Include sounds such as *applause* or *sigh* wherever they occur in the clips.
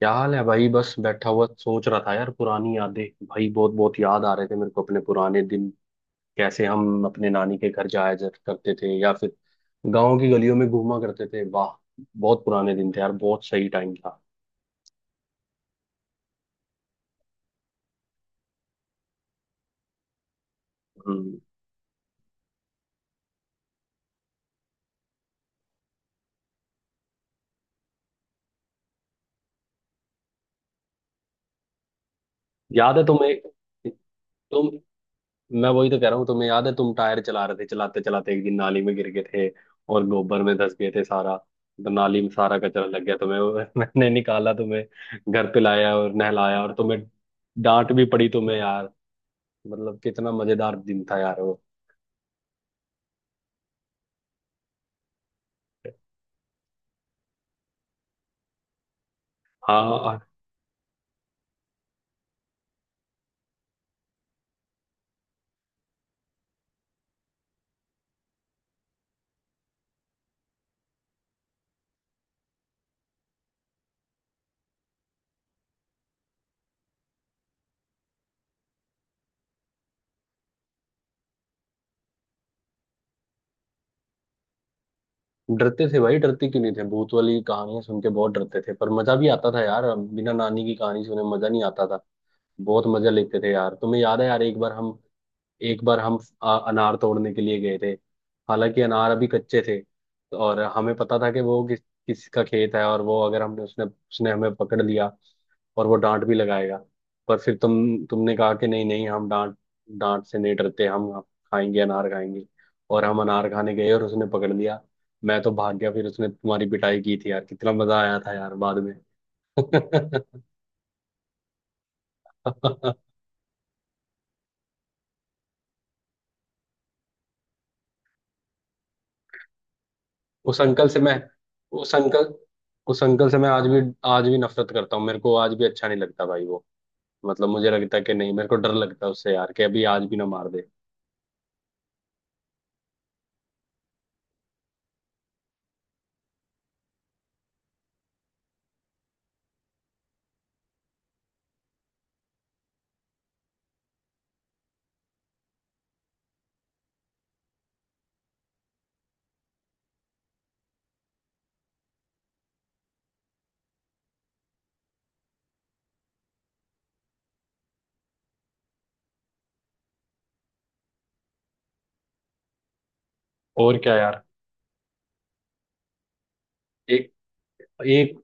क्या हाल है भाई। बस बैठा हुआ सोच रहा था यार, पुरानी यादें भाई। बहुत बहुत याद आ रहे थे मेरे को अपने पुराने दिन। कैसे हम अपने नानी के घर करते थे, या फिर गांव की गलियों में घूमा करते थे। वाह, बहुत पुराने दिन थे यार, बहुत सही टाइम था। हम्म। याद है तुम्हें? तुम मैं वही तो कह रहा हूँ, तुम्हें याद है, तुम टायर चला रहे थे, चलाते चलाते एक दिन नाली में गिर गए थे और गोबर में धंस गए थे सारा, तो नाली में सारा कचरा लग गया तुम्हें वो। *laughs* मैंने निकाला तुम्हें, घर पे लाया और नहलाया, और तुम्हें डांट भी पड़ी तुम्हें यार। मतलब कितना मजेदार दिन था यार वो। हाँ, और। डरते थे भाई, डरते क्यों नहीं थे, भूत वाली कहानियां सुन के बहुत डरते थे, पर मजा भी आता था यार, बिना नानी की कहानी सुने मजा नहीं आता था। बहुत मजा लेते थे यार। तुम्हें याद है यार, एक बार हम अनार तोड़ने के लिए गए थे, हालांकि अनार अभी कच्चे थे। और हमें पता था कि वो किसका खेत है, और वो अगर हमने उसने उसने हमें पकड़ लिया और वो डांट भी लगाएगा। पर फिर तुमने कहा कि नहीं नहीं, हम डांट डांट से नहीं डरते, हम खाएंगे, अनार खाएंगे। और हम अनार खाने गए और उसने पकड़ लिया, मैं तो भाग गया। फिर उसने तुम्हारी पिटाई की थी यार, कितना मजा आया था यार बाद में। *laughs* उस अंकल से मैं उस अंकल उस अंकल से मैं आज भी नफरत करता हूँ, मेरे को आज भी अच्छा नहीं लगता भाई वो। मतलब मुझे लगता है कि नहीं, मेरे को डर लगता है उससे यार, कि अभी आज भी ना मार दे। और क्या यार। एक एक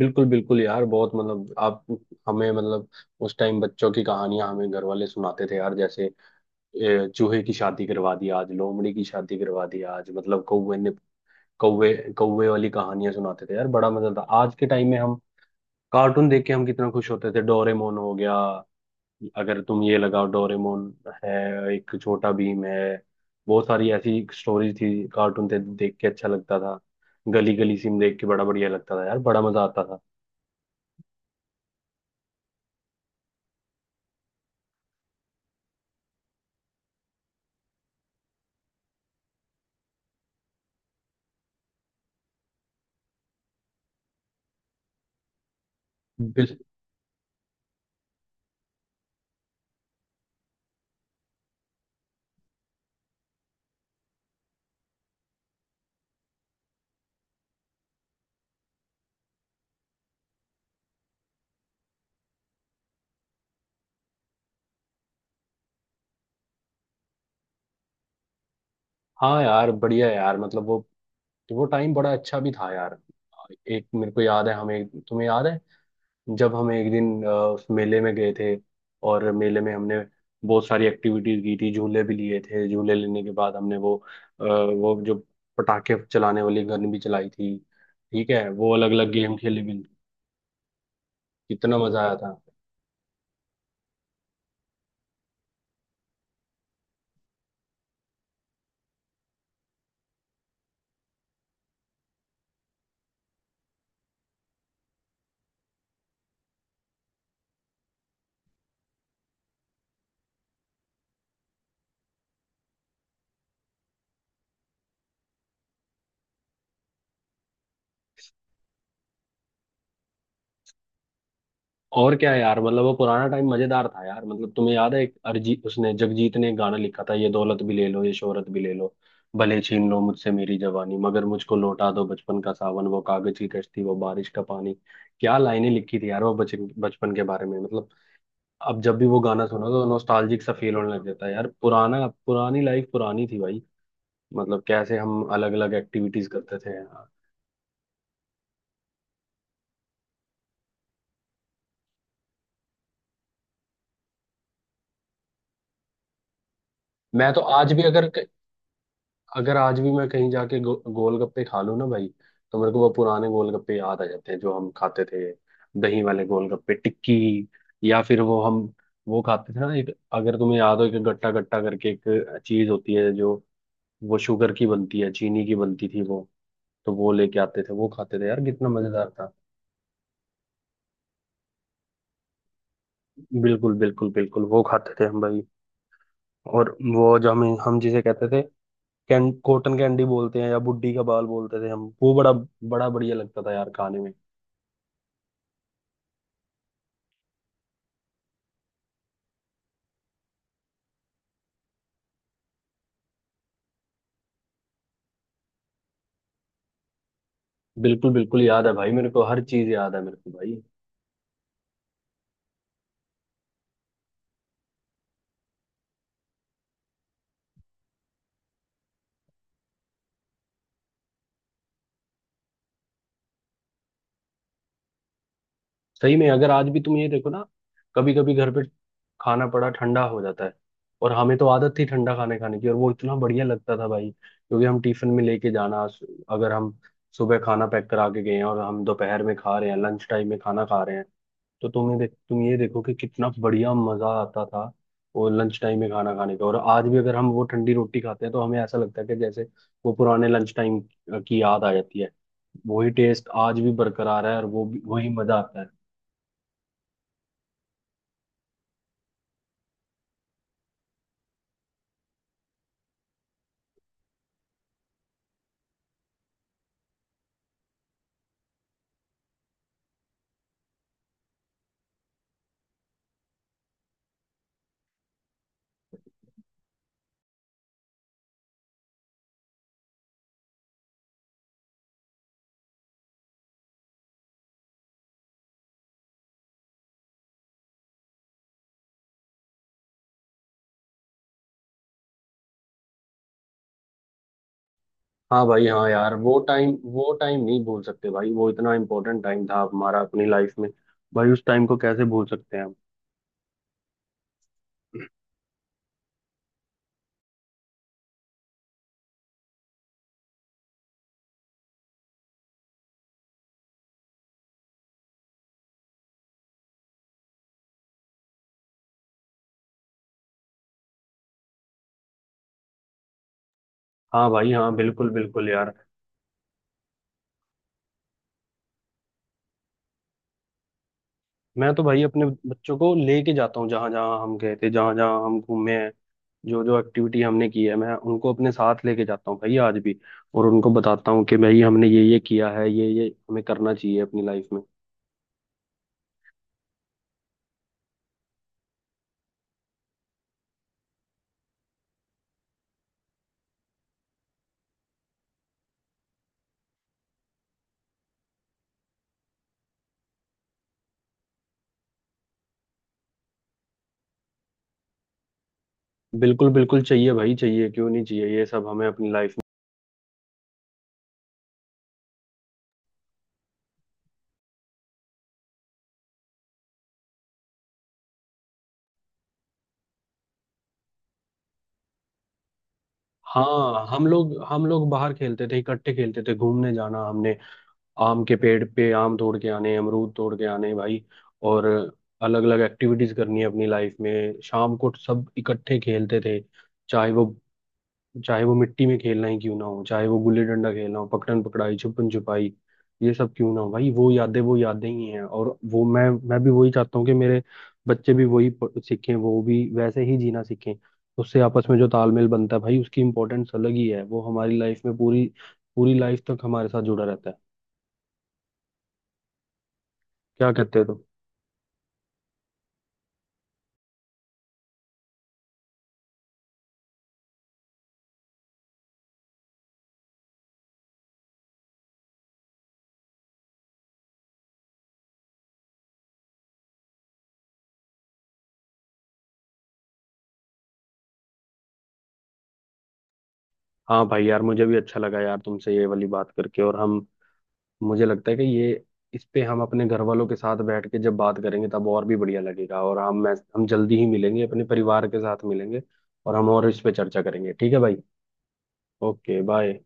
बिल्कुल बिल्कुल यार। बहुत मतलब आप हमें मतलब उस टाइम बच्चों की कहानियां हमें घर वाले सुनाते थे यार। जैसे चूहे की शादी करवा दी आज, लोमड़ी की शादी करवा दी आज, मतलब कौवे ने कौवे कौवे वाली कहानियां सुनाते थे यार। बड़ा मजा था। आज के टाइम में हम कार्टून देख के हम कितना खुश होते थे। डोरेमोन हो गया, अगर तुम ये लगाओ डोरेमोन है, एक छोटा भीम है, बहुत सारी ऐसी स्टोरीज थी, कार्टून थे देख के अच्छा लगता था। गली गली सिम देख के बड़ा बढ़िया लगता था यार, बड़ा मजा आता था। बिल हाँ यार, बढ़िया यार। मतलब वो टाइम बड़ा अच्छा भी था यार। एक मेरे को याद है, हमें तुम्हें याद है जब हम एक दिन उस मेले में गए थे और मेले में हमने बहुत सारी एक्टिविटीज की थी, झूले भी लिए थे। झूले लेने के बाद हमने वो जो पटाखे चलाने वाली गन भी चलाई थी। ठीक है, वो अलग अलग गेम खेले भी। कितना मजा आया था। और क्या है यार, मतलब वो पुराना टाइम मजेदार था यार। मतलब तुम्हें याद है, एक अरिजीत उसने जगजीत ने एक गाना लिखा था, ये दौलत भी ले लो ये शोहरत भी ले लो, भले छीन लो मुझसे मेरी जवानी, मगर मुझको लौटा दो बचपन का सावन, वो कागज की कश्ती, वो बारिश का पानी। क्या लाइनें लिखी थी यार वो बच बचपन के बारे में। मतलब अब जब भी वो गाना सुनो तो नॉस्टैल्जिक सा फील होने लग जाता है यार। पुराना पुरानी लाइफ पुरानी थी भाई। मतलब कैसे हम अलग अलग एक्टिविटीज करते थे यार। मैं तो आज भी अगर, अगर आज भी मैं कहीं जाके गोलगप्पे खा लूँ ना भाई, तो मेरे को वो पुराने गोलगप्पे याद आ जाते हैं जो हम खाते थे। दही वाले गोलगप्पे, टिक्की, या फिर वो खाते थे ना, एक अगर तुम्हें याद हो, एक गट्टा गट्टा करके एक चीज होती है जो, वो शुगर की बनती है, चीनी की बनती थी वो। तो वो लेके आते थे, वो खाते थे यार, कितना मजेदार था। बिल्कुल बिल्कुल बिल्कुल वो खाते थे हम भाई। और वो जो हमें हम जिसे कहते थे, कॉटन कैंडी बोलते हैं, या बुड्ढी का बाल बोलते थे हम, वो बड़ा बड़ा बढ़िया लगता था यार खाने में। बिल्कुल बिल्कुल याद है भाई, मेरे को हर चीज याद है मेरे को भाई। सही में अगर आज भी तुम ये देखो ना, कभी कभी घर पे खाना पड़ा ठंडा हो जाता है, और हमें तो आदत थी ठंडा खाने खाने की, और वो इतना बढ़िया लगता था भाई, क्योंकि हम टिफिन में लेके जाना, अगर हम सुबह खाना पैक करा के गए हैं और हम दोपहर में खा रहे हैं, लंच टाइम में खाना खा रहे हैं, तो तुम ये देखो कि कितना बढ़िया मजा आता था वो लंच टाइम में खाना खाने का। और आज भी अगर हम वो ठंडी रोटी खाते हैं तो हमें ऐसा लगता है कि जैसे वो पुराने लंच टाइम की याद आ जाती है। वही टेस्ट आज भी बरकरार है, और वो भी वही मजा आता है। हाँ भाई, हाँ यार, वो टाइम नहीं भूल सकते भाई, वो इतना इम्पोर्टेंट टाइम था हमारा अपनी लाइफ में। भाई उस टाइम को कैसे भूल सकते हैं हम। हाँ भाई, हाँ बिल्कुल बिल्कुल यार। मैं तो भाई अपने बच्चों को लेके जाता हूँ, जहां जहां हम गए थे, जहां जहां हम घूमे हैं, जो जो एक्टिविटी हमने की है, मैं उनको अपने साथ लेके जाता हूँ भाई आज भी, और उनको बताता हूँ कि भाई हमने ये किया है, ये हमें करना चाहिए अपनी लाइफ में। बिल्कुल बिल्कुल, चाहिए भाई, चाहिए क्यों नहीं, चाहिए ये सब हमें अपनी लाइफ में। हाँ, हम लोग बाहर खेलते थे, इकट्ठे खेलते थे, घूमने जाना हमने, आम के पेड़ पे आम तोड़ के आने, अमरूद तोड़ के आने भाई, और अलग अलग एक्टिविटीज करनी है अपनी लाइफ में, शाम को सब इकट्ठे खेलते थे। चाहे वो चाहे वो मिट्टी में खेलना ही क्यों ना हो, चाहे वो गुल्ली डंडा खेलना हो, पकड़न पकड़ाई, छुपन छुपाई, ये सब क्यों ना हो भाई, वो यादें ही हैं। और वो मैं भी वही चाहता हूँ कि मेरे बच्चे भी वही सीखें, वो भी वैसे ही जीना सीखें। उससे आपस में जो तालमेल बनता है भाई, उसकी इम्पोर्टेंस अलग ही है, वो हमारी लाइफ में पूरी पूरी लाइफ तक हमारे साथ जुड़ा रहता है। क्या कहते हो तुम? हाँ भाई यार, मुझे भी अच्छा लगा यार तुमसे ये वाली बात करके। और हम मुझे लगता है कि ये, इस पे हम अपने घर वालों के साथ बैठ के जब बात करेंगे तब और भी बढ़िया लगेगा। और हम जल्दी ही मिलेंगे, अपने परिवार के साथ मिलेंगे, और हम और इस पे चर्चा करेंगे, ठीक है भाई। Okay bye.